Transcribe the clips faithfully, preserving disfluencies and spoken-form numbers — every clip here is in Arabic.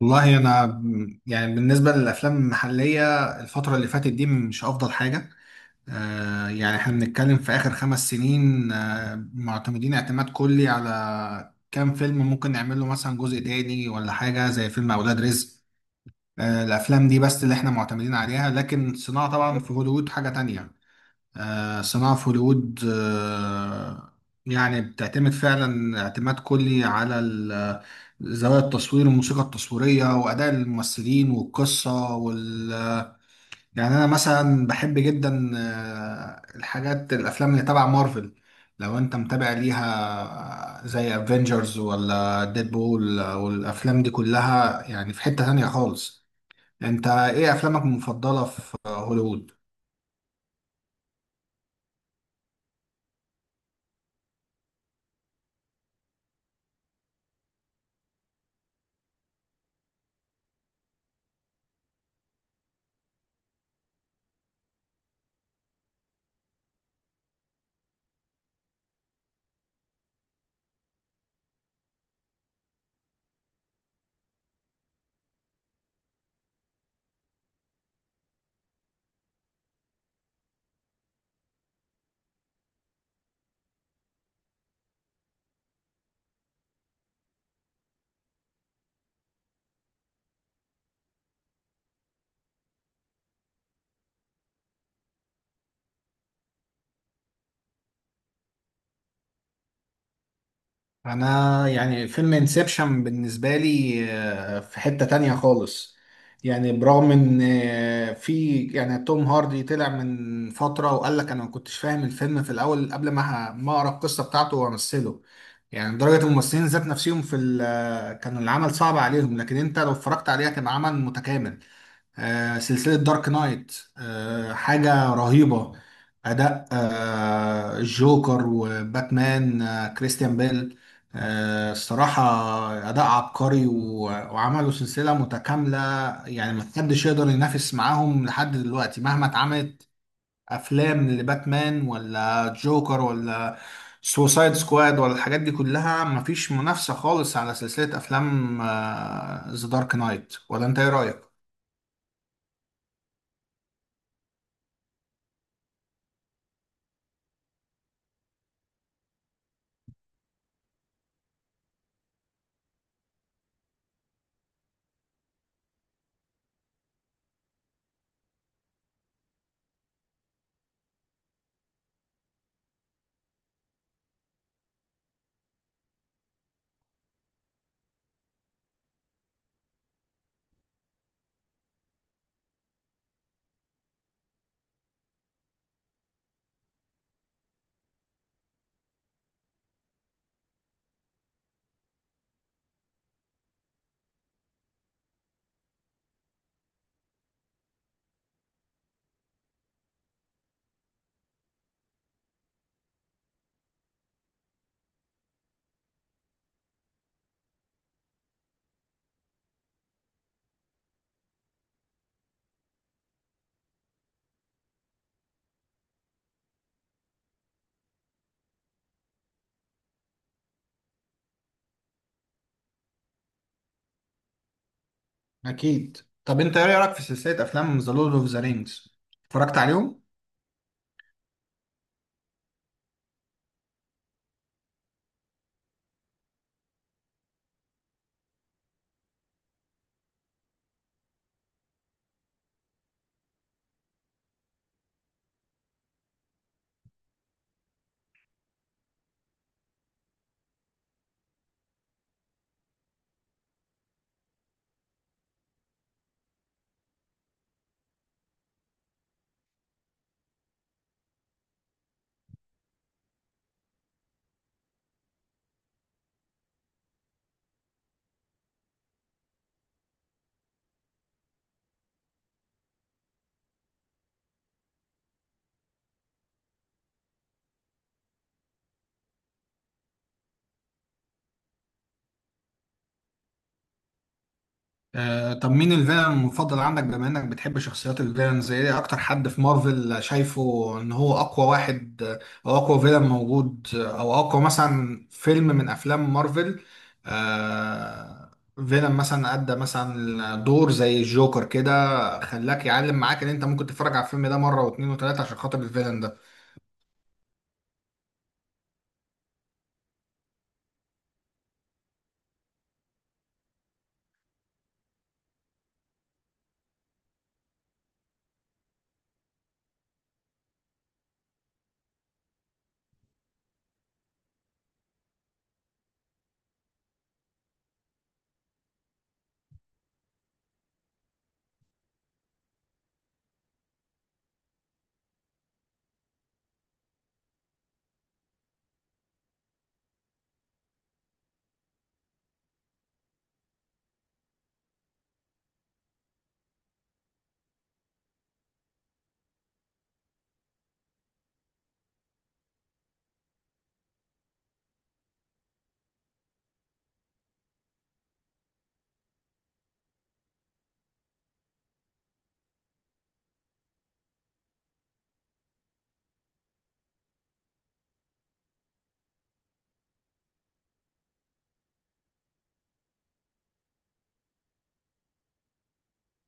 والله انا م- يعني بالنسبه للافلام المحليه الفتره اللي فاتت دي مش افضل حاجه. آه يعني احنا بنتكلم في اخر خمس سنين، آه معتمدين اعتماد كلي على كام فيلم ممكن نعمل له مثلا جزء تاني ولا حاجه زي فيلم اولاد رزق. آه الافلام دي بس اللي احنا معتمدين عليها، لكن صناعه طبعا في هوليوود حاجه تانية. آه، صناعة في هوليوود آه، يعني بتعتمد فعلا اعتماد كلي على ال- آه، زوايا التصوير والموسيقى التصويرية وأداء الممثلين والقصة وال... يعني أنا مثلا بحب جدا آه، الحاجات الأفلام اللي تبع مارفل، لو أنت متابع ليها، آه، زي افنجرز ولا ديدبول والأفلام دي كلها يعني في حتة تانية خالص. أنت إيه أفلامك المفضلة في هوليوود؟ انا يعني فيلم انسبشن بالنسبه لي آه، في حته تانية خالص. يعني برغم ان آه، في يعني توم هاردي طلع من فتره وقال لك انا ما كنتش فاهم الفيلم في الاول قبل ما ه- ما اقرا القصه بتاعته وامثله. يعني درجه الممثلين ذات نفسهم في ال- آه، كان العمل صعب عليهم، لكن انت لو اتفرجت عليه هتبقى عمل متكامل. آه، سلسلة دارك نايت، آه، حاجة رهيبة. أداء آه، الجوكر وباتمان، آه، كريستيان بيل، آه، الصراحة أداء عبقري و- وعملوا سلسلة متكاملة. يعني محدش يقدر ينافس معاهم لحد دلوقتي مهما اتعملت أفلام لباتمان ولا جوكر ولا سوسايد سكواد ولا الحاجات دي كلها. مفيش منافسة خالص على سلسلة أفلام ذا دارك نايت. ولا أنت إيه رأيك؟ اكيد. طب انت ايه رايك في سلسله افلام ذا لورد اوف ذا رينجز، اتفرجت عليهم؟ آه، طب مين الفيلن المفضل عندك، بما انك بتحب شخصيات الفيلن؟ زي ايه اكتر حد في مارفل شايفه ان هو اقوى واحد، آه، او اقوى فيلن موجود، آه، او اقوى مثلا فيلم من افلام مارفل، آه فيلن مثلا ادى مثلا دور زي الجوكر كده خلاك يعلم معاك ان انت ممكن تتفرج على الفيلم ده مره واثنين وثلاثه عشان خاطر الفيلن ده؟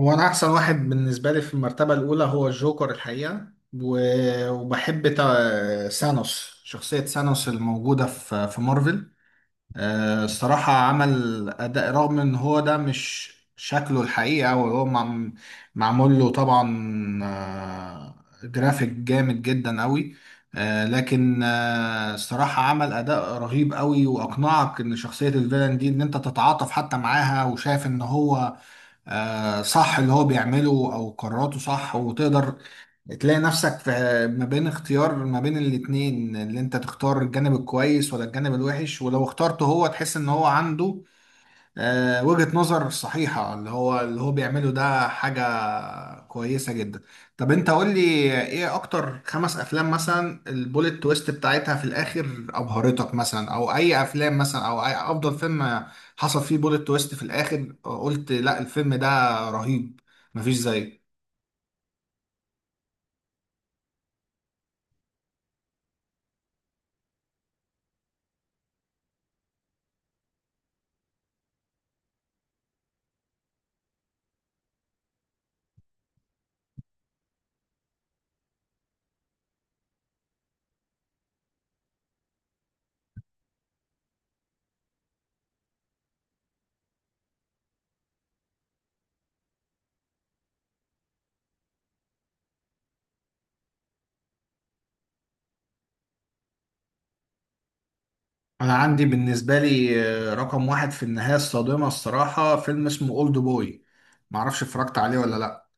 هو انا احسن واحد بالنسبه لي في المرتبه الاولى هو الجوكر الحقيقه، و- وبحب تا- سانوس، شخصيه سانوس الموجوده في في مارفل. آه، الصراحه عمل اداء، رغم ان هو ده مش شكله الحقيقه وهو معم- معمول له طبعا آه، جرافيك جامد جدا قوي، آه، لكن آه، الصراحة عمل أداء رهيب قوي وأقنعك إن شخصية الفيلن دي إن أنت تتعاطف حتى معاها، وشايف إن هو آه، صح اللي هو بيعمله او قراراته صح، وتقدر تلاقي نفسك في ما بين اختيار ما بين الاتنين، اللي انت تختار الجانب الكويس ولا الجانب الوحش، ولو اخترته هو تحس ان هو عنده آه، وجهة نظر صحيحة، اللي هو اللي هو بيعمله ده حاجة كويسة جدا. طب انت قول لي ايه اكتر خمس افلام مثلا البوليت تويست بتاعتها في الاخر ابهرتك، مثلا او اي افلام، مثلا او اي افضل فيلم حصل فيه بوليت تويست في الاخر قلت لا الفيلم ده رهيب مفيش زيه؟ انا عندي بالنسبة لي آه، رقم واحد في النهاية الصادمة الصراحة فيلم اسمه اولد بوي، معرفش اتفرجت عليه ولا لا.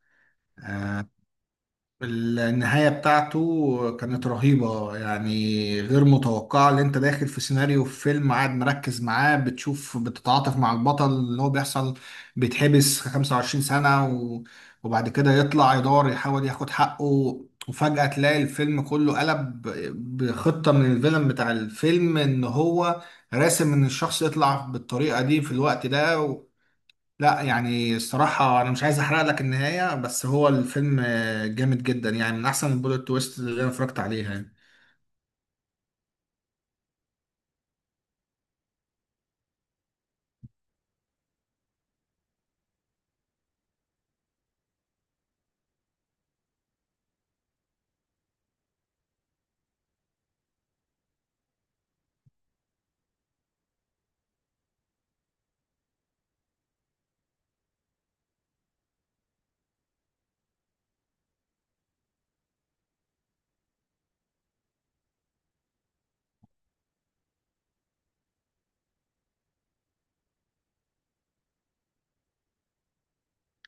آه، النهاية بتاعته كانت رهيبة يعني غير متوقعة. اللي انت داخل في سيناريو في فيلم قاعد مركز معاه، بتشوف بتتعاطف مع البطل اللي هو بيحصل بيتحبس خمسة وعشرين سنة، و- وبعد كده يطلع يدور يحاول ياخد حقه، وفجأة تلاقي الفيلم كله قلب بخطة من الفيلم بتاع الفيلم ان هو راسم ان الشخص يطلع بالطريقة دي في الوقت ده. لا يعني الصراحة أنا مش عايز أحرق لك النهاية، بس هو الفيلم آه، جامد جدا يعني، من أحسن البوليت تويست اللي أنا اتفرجت عليها يعني.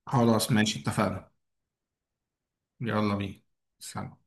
خلاص ماشي، اتفقنا. يلا بينا. سلام.